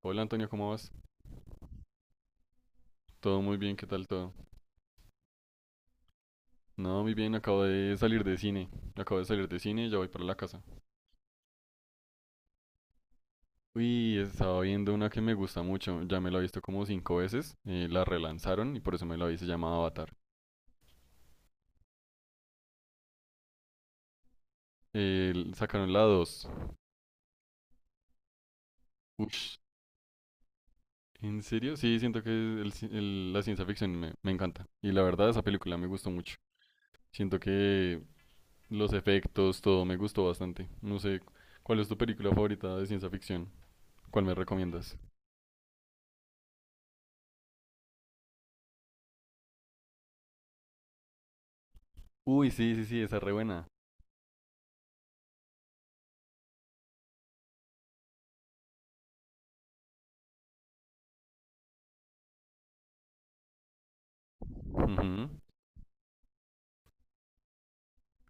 Hola Antonio, ¿cómo vas? Todo muy bien, ¿qué tal todo? No, muy bien, acabo de salir de cine. Acabo de salir de cine y ya voy para la casa. Uy, estaba viendo una que me gusta mucho. Ya me la he visto como cinco veces. La relanzaron y por eso me la vi, se llama Avatar. Sacaron la dos. Ush, ¿en serio? Sí, siento que la ciencia ficción me encanta. Y la verdad, esa película me gustó mucho. Siento que los efectos, todo me gustó bastante. No sé, ¿cuál es tu película favorita de ciencia ficción? ¿Cuál me recomiendas? Uy, sí, sí, sí, esa es re buena. Ujú.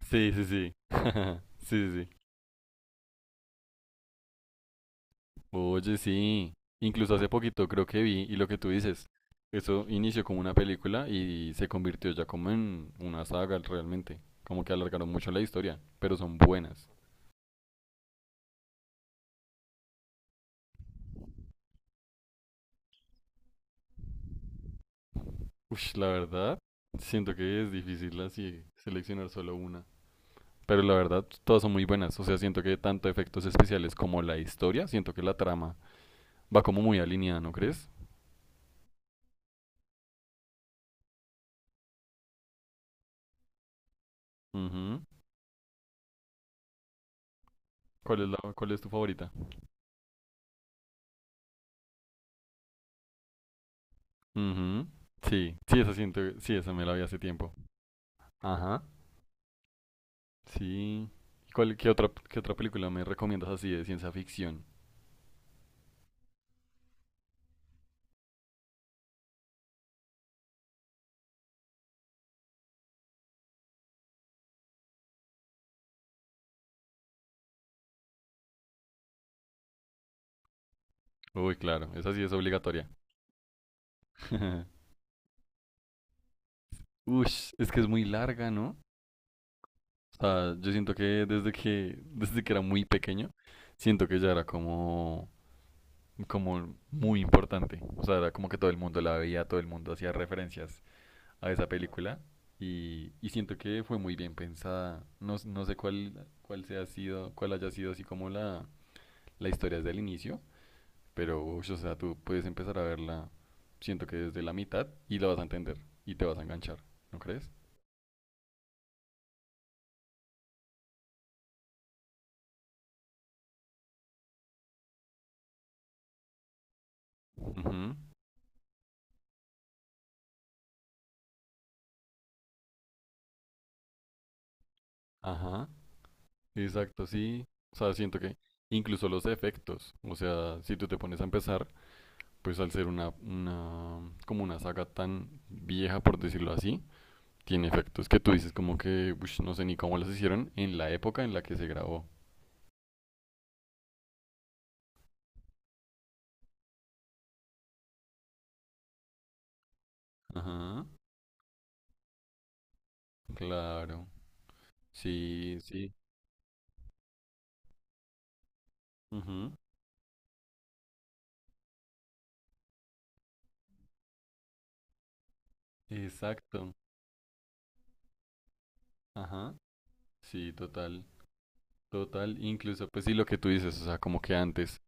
Sí, sí, sí. Sí, sí, sí. Oye, sí. Incluso hace poquito creo que vi, y lo que tú dices, eso inició como una película y se convirtió ya como en una saga realmente. Como que alargaron mucho la historia, pero son buenas. Uy, la verdad, siento que es difícil así seleccionar solo una. Pero la verdad, todas son muy buenas. O sea, siento que tanto efectos especiales como la historia, siento que la trama va como muy alineada, ¿no crees? Ujú. ¿Cuál es tu favorita? Ujú. Sí, sí, esa siento, sí, esa me la vi hace tiempo. Ajá, sí. ¿Y qué otra película me recomiendas así de ciencia ficción? Uy, claro, esa sí es obligatoria. Ush, es que es muy larga, ¿no? O sea, yo siento que desde que era muy pequeño, siento que ya era como, como muy importante. O sea, era como que todo el mundo la veía, todo el mundo hacía referencias a esa película y siento que fue muy bien pensada. No, no sé cuál haya sido así como la historia desde el inicio, pero ush, o sea, tú puedes empezar a verla, siento que desde la mitad y la vas a entender y te vas a enganchar, ¿no crees? Ujú. Ajá, exacto, sí. O sea, siento que incluso los efectos, o sea, si tú te pones a empezar, pues al ser como una saga tan vieja, por decirlo así, tiene efectos que tú dices como que, ush, no sé ni cómo los hicieron en la época en la que se grabó. Ajá, claro. Sí, sí. Ujú. Exacto. Ajá. Sí, total. Total. Incluso, pues sí, lo que tú dices, o sea, como que antes.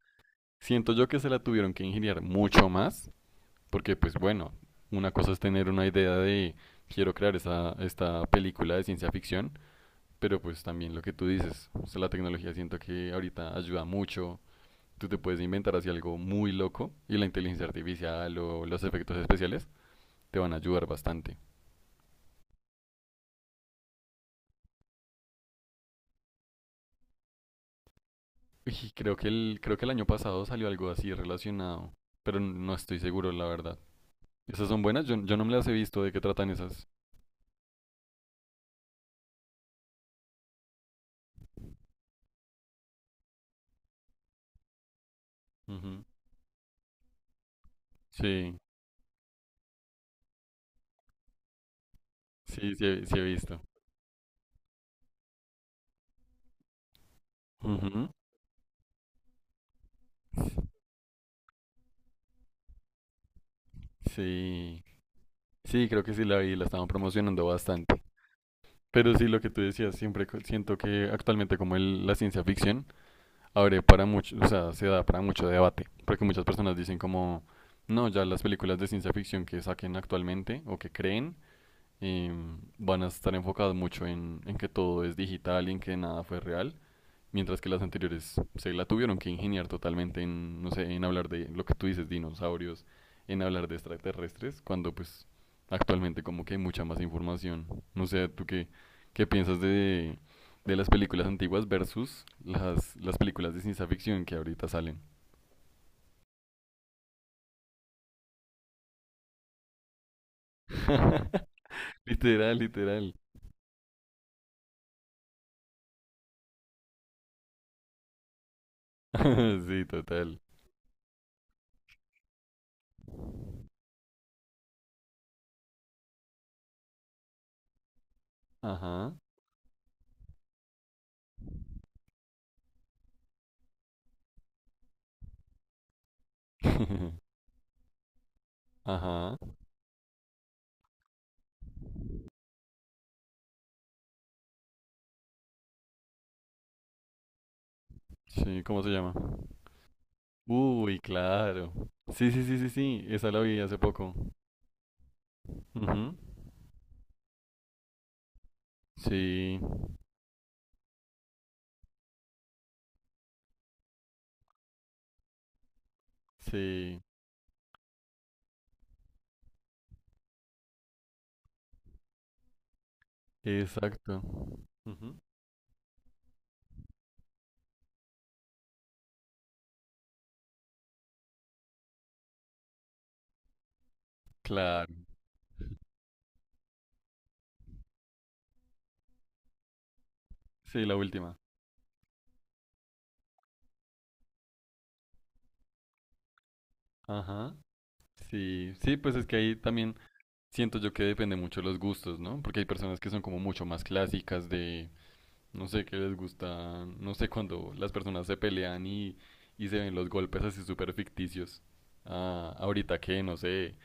Siento yo que se la tuvieron que ingeniar mucho más, porque pues bueno, una cosa es tener una idea de quiero crear esta película de ciencia ficción, pero pues también lo que tú dices, o sea, la tecnología siento que ahorita ayuda mucho. Tú te puedes inventar así algo muy loco y la inteligencia artificial o los efectos especiales te van a ayudar bastante. Y creo que el año pasado salió algo así relacionado, pero no estoy seguro, la verdad. ¿Esas son buenas? Yo no me las he visto. ¿De qué tratan esas? Ujú. Sí, sí, sí, sí he visto. Ujú. Sí, sí, creo que sí la vi, la estaban promocionando bastante. Pero sí, lo que tú decías, siempre siento que actualmente como la ciencia ficción abre para mucho, o sea, se da para mucho debate, porque muchas personas dicen como, no, ya las películas de ciencia ficción que saquen actualmente o que creen van a estar enfocadas mucho en que todo es digital y en que nada fue real. Mientras que las anteriores se la tuvieron que ingeniar totalmente en, no sé, en hablar de lo que tú dices, dinosaurios, en hablar de extraterrestres, cuando pues actualmente como que hay mucha más información. No sé, ¿tú qué piensas de las películas antiguas versus las películas de ciencia ficción que ahorita salen? Literal, literal. Sí, total. Ajá. Ajá. Sí, ¿cómo se llama? Uy, claro. Sí, sí, sí, sí, sí. Esa la vi hace poco. Ujú. Sí, sí, exacto. Ujú. Claro, sí, la última. Ajá. Sí, sí, pues es que ahí también siento yo que depende mucho de los gustos, ¿no? Porque hay personas que son como mucho más clásicas de, no sé qué les gusta, no sé cuando las personas se pelean y se ven los golpes así súper ficticios. Ah, ahorita que, no sé,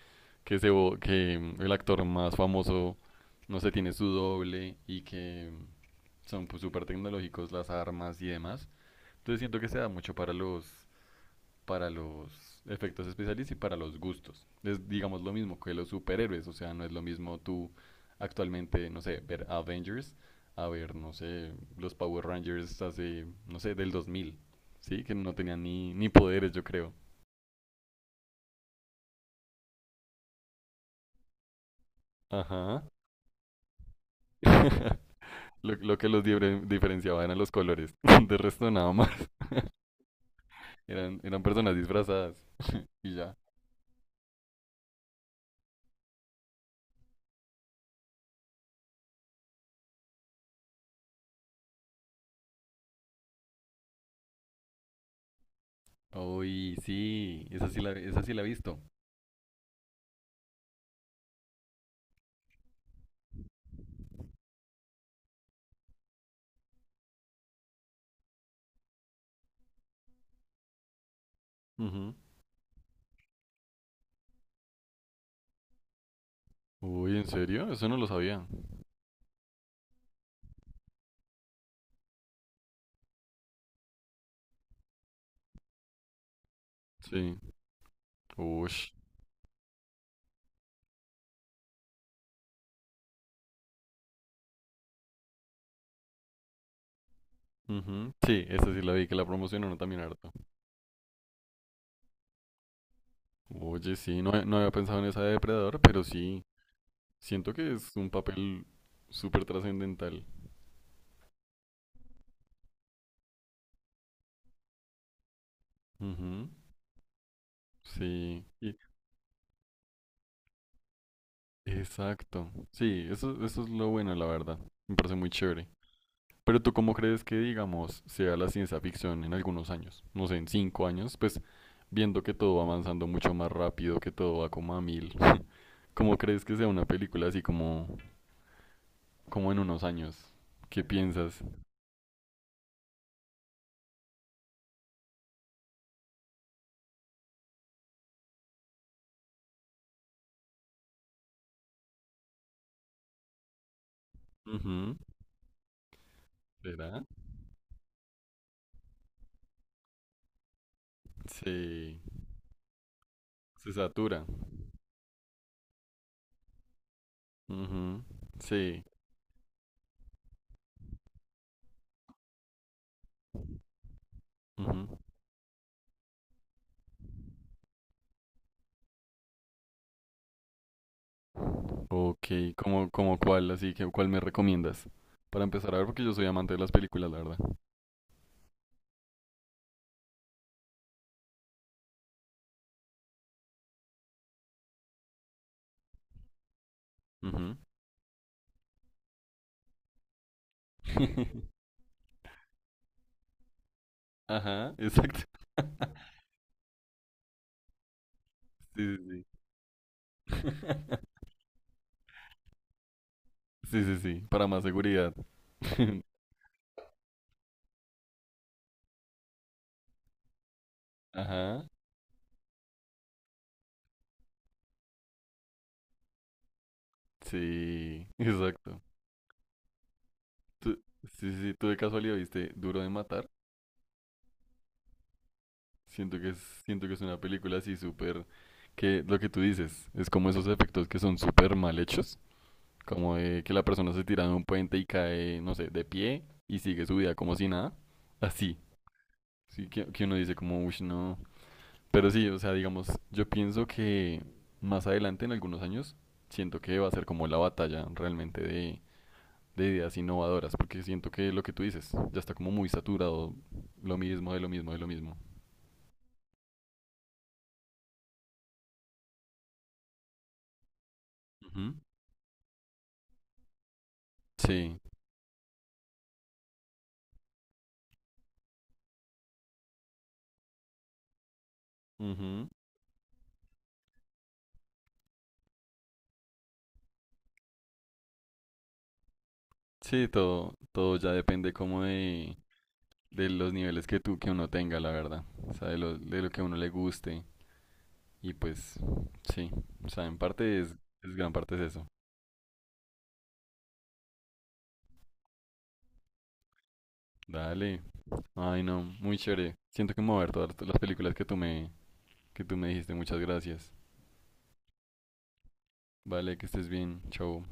que, se, el actor más famoso, no sé, tiene su doble y que son pues, súper tecnológicos las armas y demás. Entonces siento que se da mucho para los efectos especiales y para los gustos. Es, digamos, lo mismo que los superhéroes. O sea, no es lo mismo tú actualmente, no sé, ver Avengers, a ver, no sé, los Power Rangers hace, no sé, del 2000, ¿sí? Que no tenían ni poderes, yo creo. Ajá. Lo que los diferenciaba eran los colores. De resto, nada más. Eran, eran personas disfrazadas. Y ya. Uy, sí, esa sí la he visto. Ujú. Uy, ¿en serio? Eso no lo sabía. Sí. Ush. Ujú. Sí, esa sí la vi que la promocionaron también harto. Oye, sí, no, no había pensado en esa de Depredador, pero sí, siento que es un papel súper trascendental. Ujú. Sí, y- exacto. Sí, eso es lo bueno, la verdad. Me parece muy chévere. Pero tú, ¿cómo crees que, digamos, sea la ciencia ficción en algunos años? No sé, en cinco años, pues viendo que todo va avanzando mucho más rápido, que todo va como a mil. ¿Cómo crees que sea una película así como en unos años? ¿Qué piensas? Ujú. ¿Será? Sí, se satura. Ujú. Sí. Ujú. Ok, cómo cuál? Así que, ¿cuál me recomiendas? Para empezar a ver, porque yo soy amante de las películas, la verdad. Ujú. Ajá, exacto. Sí, sí, sí. Sí, sí, sí, para más seguridad. Ajá, sí, exacto. Tú- sí, sí, sí, tú de casualidad viste Duro de Matar. Siento que es, siento que es una película así súper, que lo que tú dices, es como esos efectos que son súper mal hechos, como de que la persona se tira de un puente y cae, no sé, de pie y sigue su vida como si nada, así, sí, que uno dice como, uff, no. Pero sí, o sea, digamos, yo pienso que más adelante, en algunos años, siento que va a ser como la batalla realmente de ideas innovadoras, porque siento que lo que tú dices ya está como muy saturado, lo mismo, de lo mismo, de lo mismo. Ujú. Sí. Sí, todo ya depende como de los niveles que tú, que uno tenga, la verdad. O sea, de de lo que a uno le guste. Y pues, sí. O sea, en parte es gran parte es eso. Dale. Ay, no, muy chévere. Siento que me voy a ver todas las películas que que tú me dijiste. Muchas gracias. Vale, que estés bien. Chau.